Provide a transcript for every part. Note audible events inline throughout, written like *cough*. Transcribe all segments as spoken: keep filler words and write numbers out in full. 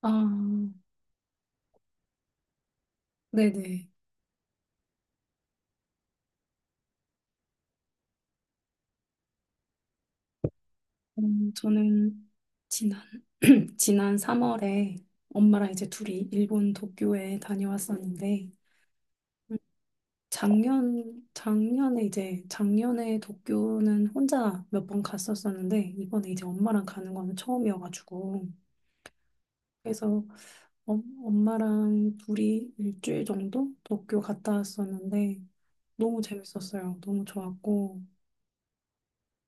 아, 네네. 음, 저는 지난, *clears throat* 지난 삼월에 엄마랑 이제 둘이 일본 도쿄에 다녀왔었는데. 음, 작년, 작년에 이제, 작년에 도쿄는 혼자 몇 번 갔었었는데, 이번에 이제 엄마랑 가는 거는 처음이어가지고, 그래서 엄 엄마랑 둘이 일주일 정도 도쿄 갔다 왔었는데, 너무 재밌었어요. 너무 좋았고,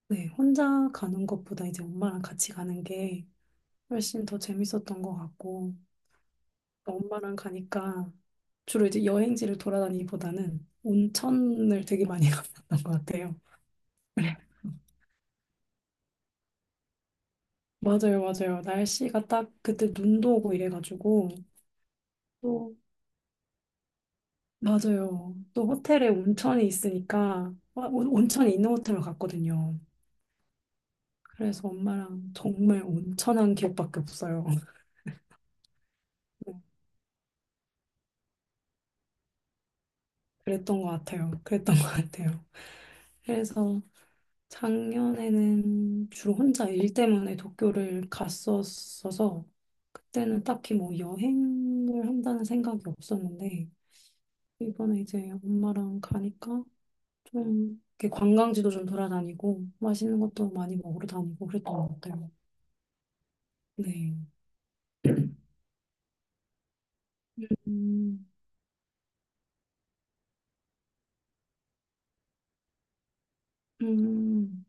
네, 혼자 가는 것보다 이제 엄마랑 같이 가는 게 훨씬 더 재밌었던 것 같고, 엄마랑 가니까 주로 이제 여행지를 돌아다니기보다는 온천을 되게 많이 *laughs* 갔었던 것 같아요. 그래. 맞아요, 맞아요. 날씨가 딱 그때 눈도 오고 이래가지고 또 맞아요. 또 호텔에 온천이 있으니까 와, 온- 온천이 있는 호텔로 갔거든요. 그래서 엄마랑 정말 온천한 기억밖에 없어요. *laughs* 그랬던 것 같아요. 그랬던 것 같아요. 그래서 작년에는 주로 혼자 일 때문에 도쿄를 갔었어서, 그때는 딱히 뭐 여행을 한다는 생각이 없었는데 이번에 이제 엄마랑 가니까 좀 이렇게 관광지도 좀 돌아다니고 맛있는 것도 많이 먹으러 다니고 그랬던 것 같아요. 네. 음, 음,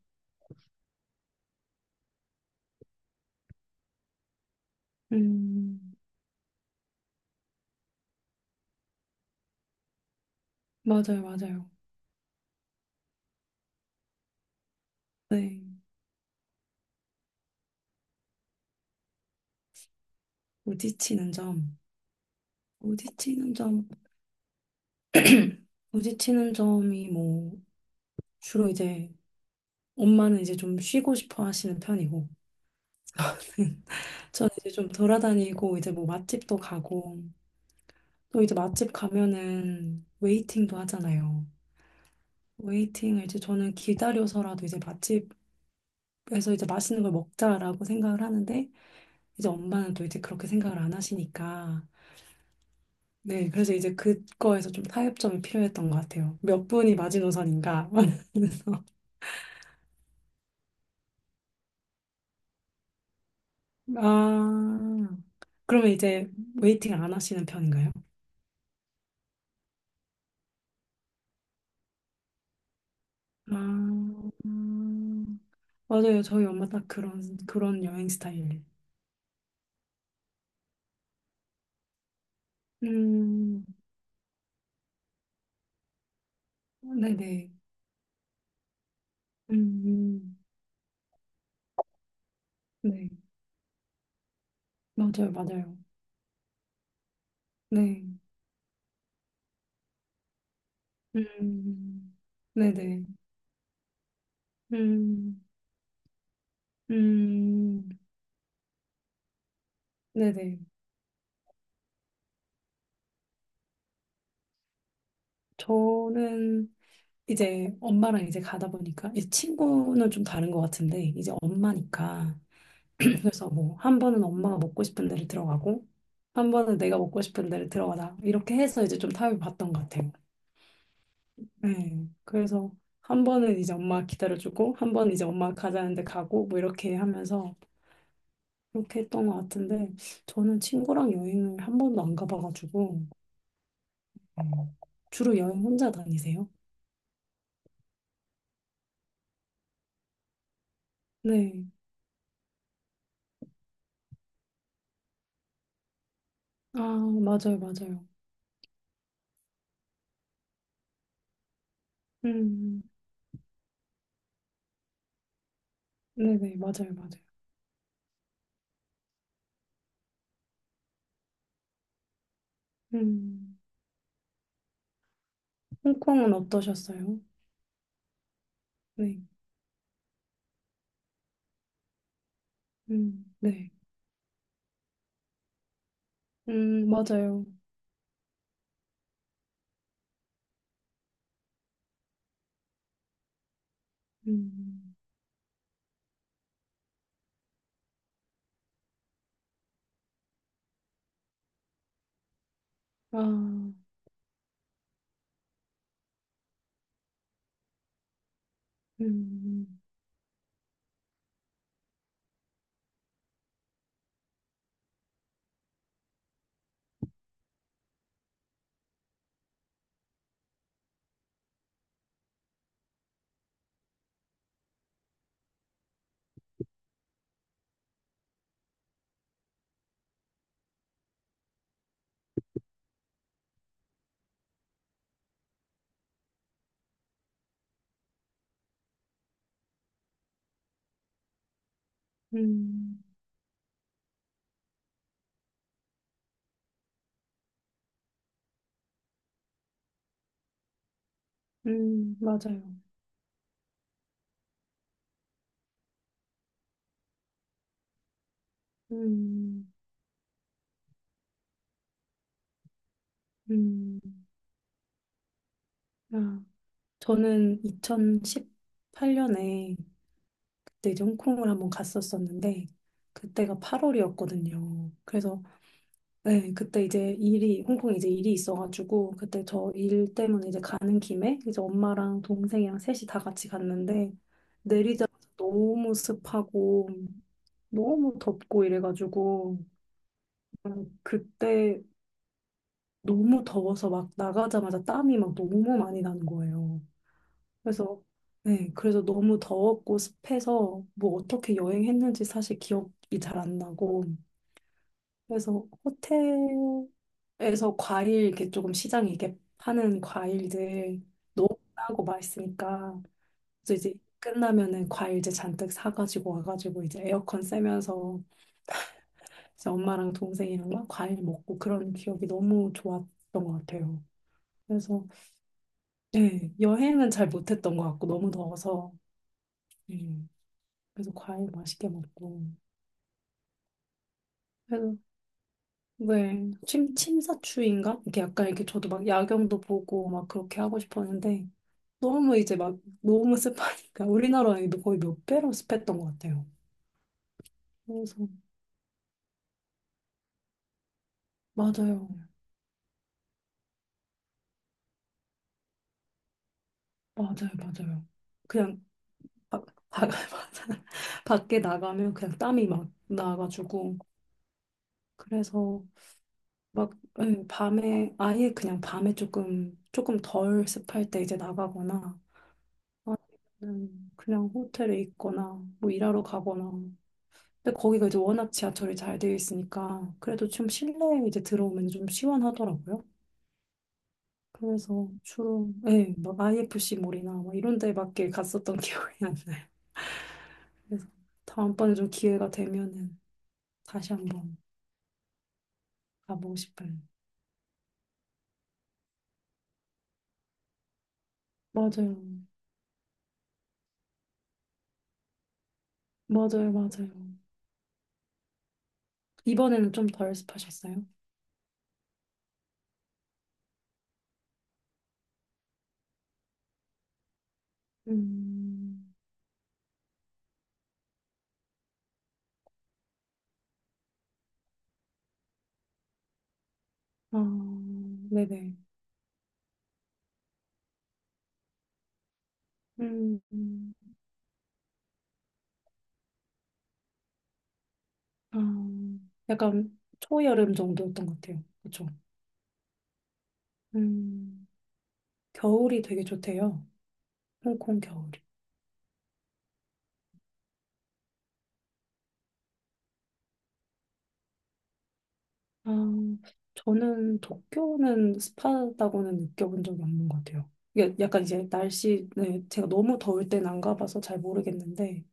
음, 맞아요, 맞아요. 네. 부딪히는 점. 부딪히는 점. 부딪히는 점이 뭐 주로 이제 엄마는 이제 좀 쉬고 싶어 하시는 편이고, *laughs* 저는 이제 좀 돌아다니고, 이제 뭐 맛집도 가고, 또 이제 맛집 가면은 웨이팅도 하잖아요. 웨이팅을 이제 저는 기다려서라도 이제 맛집에서 이제 맛있는 걸 먹자라고 생각을 하는데, 이제 엄마는 또 이제 그렇게 생각을 안 하시니까, 네, 그래서 이제 그거에서 좀 타협점이 필요했던 것 같아요. 몇 분이 마지노선인가? *laughs* 그래서, 아, 그러면 이제 웨이팅 안 하시는 편인가요? 아, 음. 맞아요. 저희 엄마 딱 그런, 그런 여행 스타일. 음, 네네. 음, 음. 네. 맞아요, 맞아요. 네. 음, 네네. 음, 음, 네네. 저는 이제 엄마랑 이제 가다 보니까, 이제 친구는 좀 다른 것 같은데, 이제 엄마니까. *clears throat* 그래서 뭐, 한 번은 엄마가 먹고 싶은 데를 들어가고, 한 번은 내가 먹고 싶은 데를 들어가다. 이렇게 해서 이제 좀 타협을 봤던 것 같아요. 네. 그래서 한 번은 이제 엄마 기다려주고, 한 번은 이제 엄마 가자는데 가고, 뭐 이렇게 하면서 그렇게 했던 것 같은데, 저는 친구랑 여행을 한 번도 안 가봐가지고, 음, 주로 여행 혼자 다니세요? 네. 아, 맞아요, 맞아요. 음, 네네, 맞아요, 맞아요. 음, 홍콩은 어떠셨어요? 네. 음, 네. 음, 맞아요. 음, 아. 음, 음, 음, 음, 맞아요. 음. 음, 아, 저는 이천십팔 년에 그때 이제 홍콩을 한번 갔었었는데 그때가 팔월이었거든요. 그래서 네, 그때 이제 일이 홍콩에 이제 일이 있어가지고 그때 저 일 때문에 이제 가는 김에 이제 엄마랑 동생이랑 셋이 다 같이 갔는데, 내리자마자 너무 습하고 너무 덥고 이래가지고 그냥 그때 너무 더워서 막 나가자마자 땀이 막 너무 많이 나는 거예요. 그래서 네, 그래서 너무 더웠고 습해서 뭐 어떻게 여행했는지 사실 기억이 잘 안 나고, 그래서 호텔에서 과일 이렇게 조금 시장에 이렇게 파는 과일들 너무 싸고 맛있으니까, 그래서 이제 끝나면은 과일들 잔뜩 사가지고 와가지고 이제 에어컨 쐬면서 이제 엄마랑 동생이랑 막 과일 먹고 그런 기억이 너무 좋았던 것 같아요. 그래서 네, 여행은 잘 못했던 것 같고 너무 더워서. 네. 그래서 과일 맛있게 먹고. 그래서 왜 침, 침사추인가? 이렇게 약간 이렇게 저도 막 야경도 보고 막 그렇게 하고 싶었는데 너무 이제 막 너무 습하니까 우리나라 이거 거의 몇 배로 습했던 것 같아요. 그래서 맞아요, 맞아요, 맞아요. 그냥 바, 바, *laughs* 맞아. 밖에 나가면 그냥 땀이 막 나가지고, 그래서 막 예, 밤에 아예 그냥 밤에 조금 조금 덜 습할 때 이제 나가거나 아니면 그냥 호텔에 있거나 뭐 일하러 가거나. 근데 거기가 이제 워낙 지하철이 잘 되어 있으니까 그래도 좀 실내에 이제 들어오면 좀 시원하더라고요. 그래서 주로 예, 막 아이에프씨 몰이나 막 이런 데 밖에 갔었던 *laughs* 기억이 안 나요. 그래서 다음번에 좀 기회가 되면은 다시 한번 가보고 싶어요. 맞아요. 맞아요. 맞아요. 이번에는 좀 덜 습하셨어요? 음. 아, 네네. 음. 아, 약간 초여름 정도였던 것 같아요. 그쵸? 음, 겨울이 되게 좋대요. 홍콩 겨울이. 아, 저는 도쿄는 습하다고는 느껴본 적이 없는 것 같아요. 이게 약간 이제 날씨, 네, 제가 너무 더울 땐 안 가봐서 잘 모르겠는데,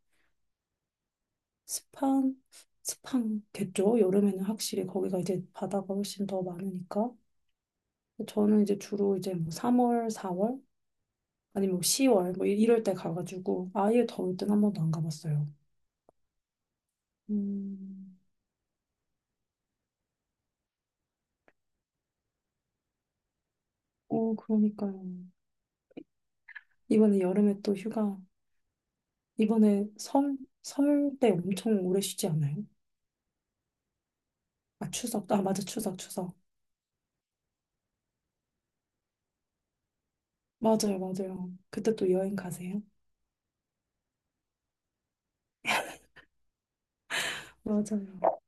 습한, 습한겠죠? 여름에는 확실히 거기가 이제 바다가 훨씬 더 많으니까. 저는 이제 주로 이제 뭐 삼월, 사월? 아니면 뭐 시월? 뭐 이- 이럴 때 가가지고 아예 더울 땐 한 번도 안 가봤어요. 음, 어, 그러니까요. 이번에 여름에 또 휴가, 이번에 설, 설 때 엄청 오래 쉬지 않아요? 아, 추석. 아, 맞아, 추석, 추석. 맞아요, 맞아요. 그때 또 여행 가세요? 맞아요.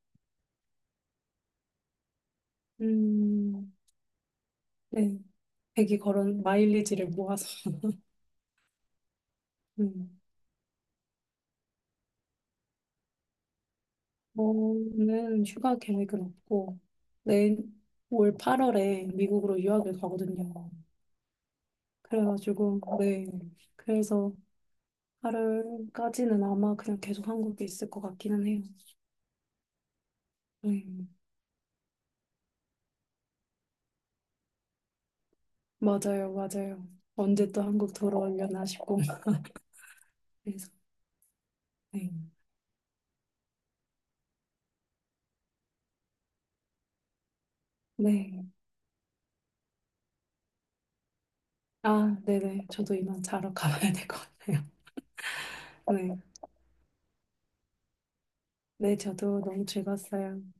음, 네. 되게 걸은 마일리지를 모아서. *laughs* 음, 저는 휴가 계획은 없고, 내일 올 팔월에 미국으로 유학을 가거든요. 그래가지고, 네. 그래서 팔월까지는 아마 그냥 계속 한국에 있을 것 같기는 해요. 네, 맞아요, 맞아요. 언제 또 한국 돌아오려나 싶고. 그래서, 네. 네. 아, 네네. 저도 이만 자러 가봐야 될 것 같아요. 네. 네, 저도 너무 즐거웠어요.